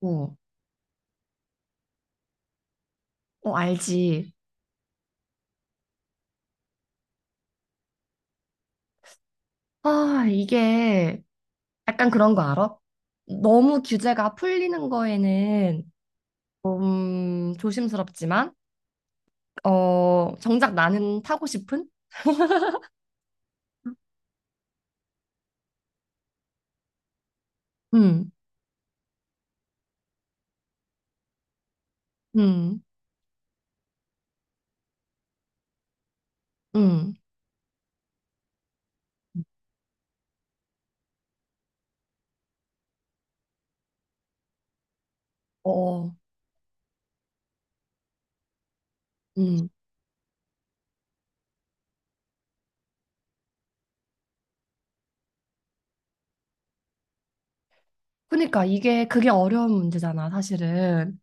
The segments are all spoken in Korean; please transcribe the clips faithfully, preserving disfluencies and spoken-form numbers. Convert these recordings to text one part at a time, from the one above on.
어, 어, 알지. 아, 이게 약간 그런 거 알아? 너무 규제가 풀리는 거에는 좀 조심스럽지만, 어, 정작 나는 타고 싶은? 음, 음, 음, 어, 음. 그러니까 이게 그게 어려운 문제잖아, 사실은.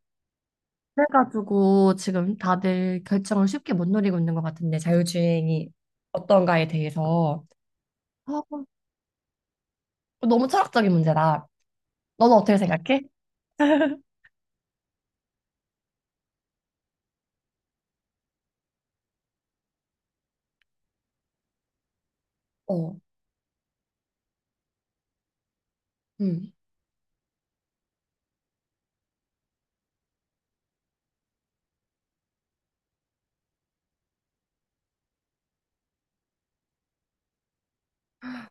그래가지고 지금 다들 결정을 쉽게 못 내리고 있는 것 같은데, 자율주행이 어떤가에 대해서. 아, 너무 철학적인 문제다. 너는 어떻게 생각해? 어, 음.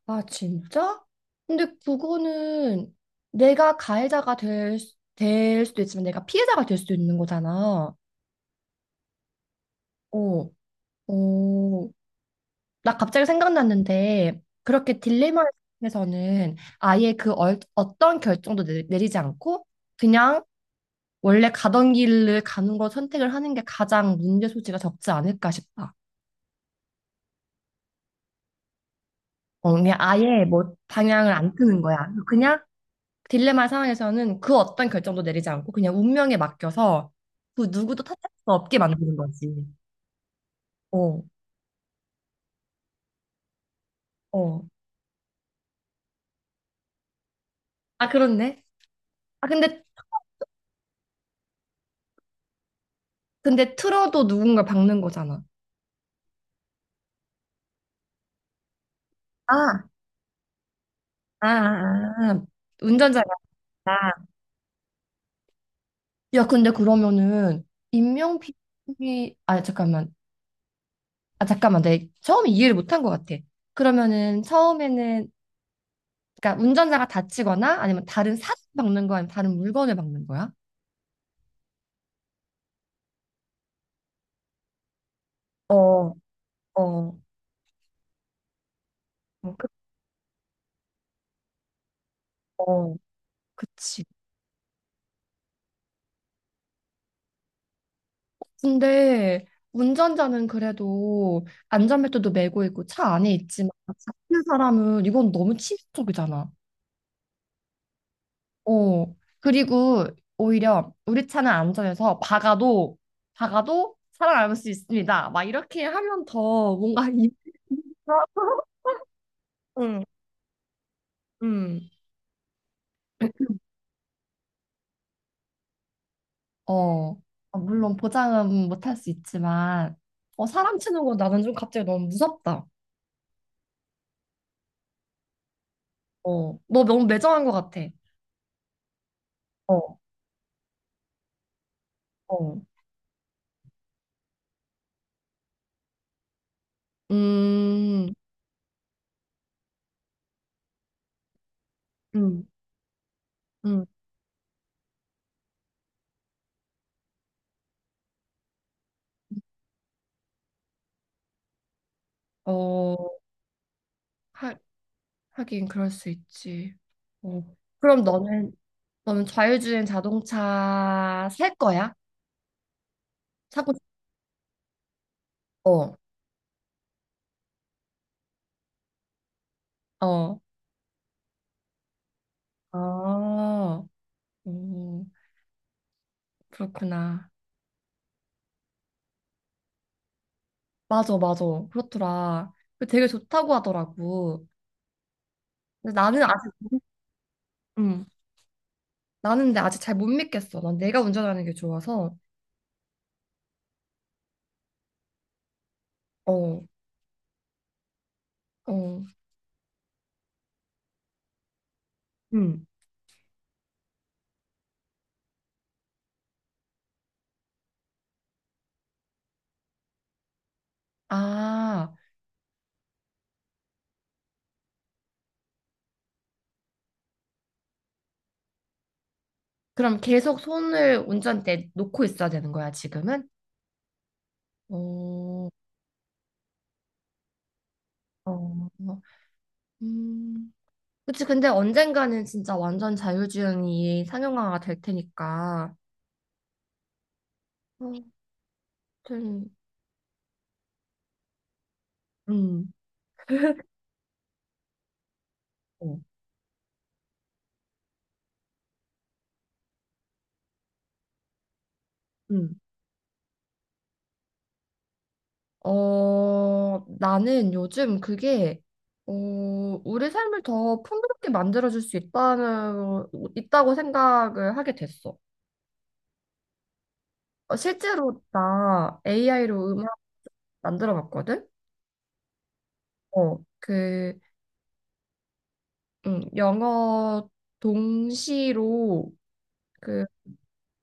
아, 진짜? 근데 그거는 내가 가해자가 될, 수- 될 수도 있지만 내가 피해자가 될 수도 있는 거잖아. 어, 어. 나 갑자기 생각났는데 그렇게 딜레마에서는 아예 그 얼, 어떤 결정도 내, 내리지 않고 그냥 원래 가던 길을 가는 걸 선택을 하는 게 가장 문제 소지가 적지 않을까 싶다. 어, 그냥 아예 뭐 방향을 안 트는 거야. 그냥 딜레마 상황에서는 그 어떤 결정도 내리지 않고 그냥 운명에 맡겨서 그 누구도 탓할 수 없게 만드는 거지. 어, 어. 아, 그렇네. 아, 근데, 근데, 틀어도 누군가 박는 거잖아. 아, 아, 아, 아. 운전자가. 야, 근데 그러면은 인명피해, 아, 잠깐만. 아, 잠깐만. 내가 처음에 이해를 못한 것 같아. 그러면은 처음에는, 그러니까 운전자가 다치거나 아니면 다른 사람 박는 거야? 아니면 다른 물건을 박는 거야? 어, 어, 어, 그- 어. 그치. 근데 운전자는 그래도 안전벨트도 매고 있고 차 안에 있지만 잡힌 사람은 이건 너무 치명적이잖아. 어. 그리고 오히려 우리 차는 안전해서 박아도 박아도 살아남을 수 있습니다. 막 이렇게 하면 더 뭔가 이- 응, 응. 어, 아, 물론 보장은 못 할 수 있지만, 어, 사람 치는 건 나는 좀 갑자기 너무 무섭다. 어, 너 너무 매정한 것 같아. 어, 어. 음, 응, 응. 어, 하, 하긴 그럴 수 있지. 어. 그럼 너는 너는 자율주행 자동차 살 거야? 사고 싶어. 어. 아, 오, 그렇구나. 맞아, 맞아. 그렇더라. 그 되게 좋다고 하더라고. 근데 나는 아직, 못- 음, 나는 근데 아직 잘 못 믿겠어. 난 내가 운전하는 게 좋아서. 어, 어, 음. 아, 그럼 계속 손을 운전대 놓고 있어야 되는 거야, 지금은? 어, 어, 음. 그치, 근데 언젠가는 진짜 완전 자율주행이 상용화가 될 테니까. 어, 하여튼, 음. 어, 음, 어, 나는 요즘 그게, 어, 우리 삶을 더 풍요롭게 만들어줄 수 있다는, 있다고 생각을 하게 됐어. 어, 실제로 나 에이아이로 음악 만들어 봤거든? 어, 그, 음, 영어 동시로 그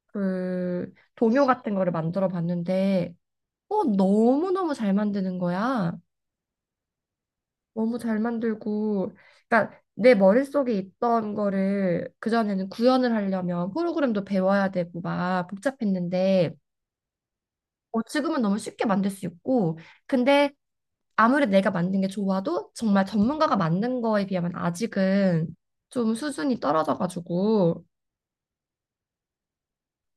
그 동요 같은 거를 만들어 봤는데 어 너무너무 잘 만드는 거야. 너무 잘 만들고 그러니까 내 머릿속에 있던 거를 그전에는 구현을 하려면 프로그램도 배워야 되고 막 복잡했는데 어 지금은 너무 쉽게 만들 수 있고 근데 아무리 내가 만든 게 좋아도 정말 전문가가 만든 거에 비하면 아직은 좀 수준이 떨어져가지고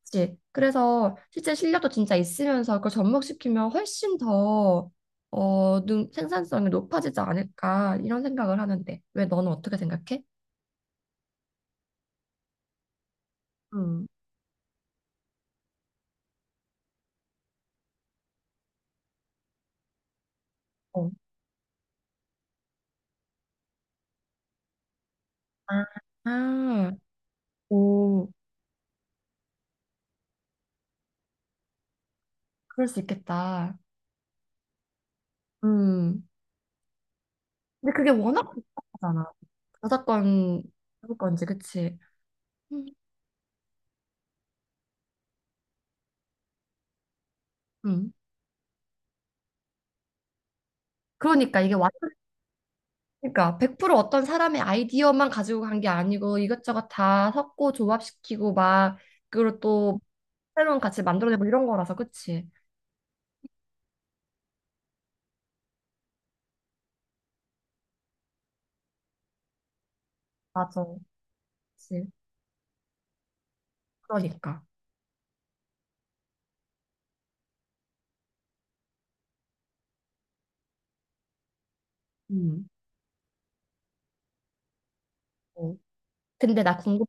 그치? 그래서 실제 실력도 진짜 있으면서 그걸 접목시키면 훨씬 더 어, 능, 생산성이 높아지지 않을까 이런 생각을 하는데 왜 너는 어떻게 생각해? 음. 어. 아, 아, 오, 그럴 수 있겠다. 음. 근데 그게 워낙 복잡하잖아. 저작권, 저작권지, 그치? 음. 음. 그러니까 이게 완 그러니까 백 퍼센트 어떤 사람의 아이디어만 가지고 간 게 아니고 이것저것 다 섞고 조합시키고 막 그리고 또 새로운 가치 만들어내고 이런 거라서 그치? 맞아. 그치. 그러니까. 음. 어. 근데 나 궁금한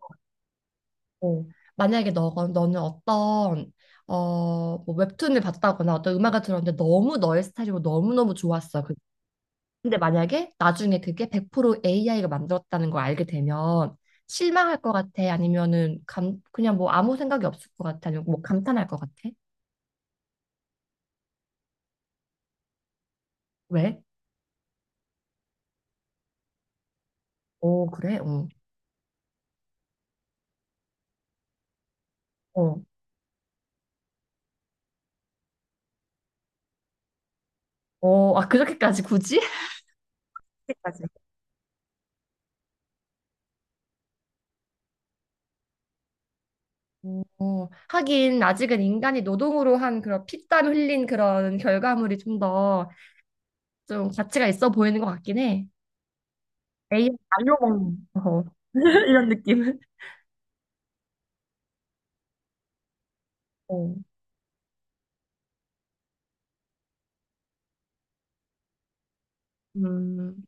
거 만약에 너 너는 어떤 어뭐 웹툰을 봤다거나 어떤 음악을 들었는데 너무 너의 스타일이고 너무너무 좋았어. 근데 만약에 나중에 그게 백 퍼센트 에이아이가 만들었다는 걸 알게 되면 실망할 것 같아? 아니면은 감, 그냥 뭐 아무 생각이 없을 것 같아? 아니면 뭐 감탄할 것 같아? 왜? 오, 그래? 어, 어, 어, 아, 그렇게까지 굳이? 그렇게까지. 어, 하긴 아직은 인간이 노동으로 한 그런 피땀 흘린 그런 결과물이 좀 더 좀 가치가 있어 보이는 것 같긴 해. 에이아이 날로 먹는 어, 이런 느낌. 어, 음.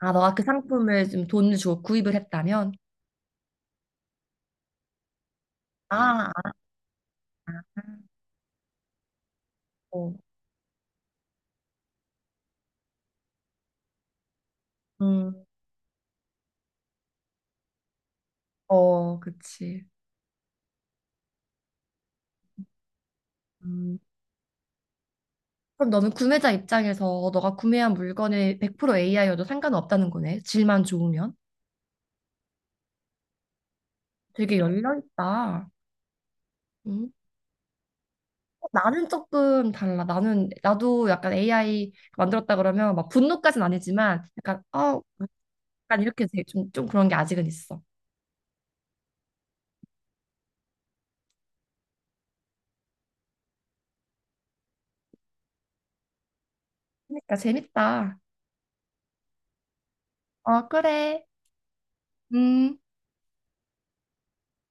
아, 너가 그 상품을 좀 돈을 주고 구입을 했다면? 아, 안 어, 음, 어, 그치. 음, 그럼 너는 구매자 입장에서 너가 구매한 물건에 백 퍼센트 에이아이여도 상관없다는 거네. 질만 좋으면. 되게 열려있다. 음. 어, 나는 조금 달라. 나는, 나도 약간 에이아이 만들었다 그러면 막 분노까지는 아니지만 약간, 어, 약간 이렇게 되- 좀, 좀 그런 게 아직은 있어. 그러니까 재밌다. 어, 그래. 음.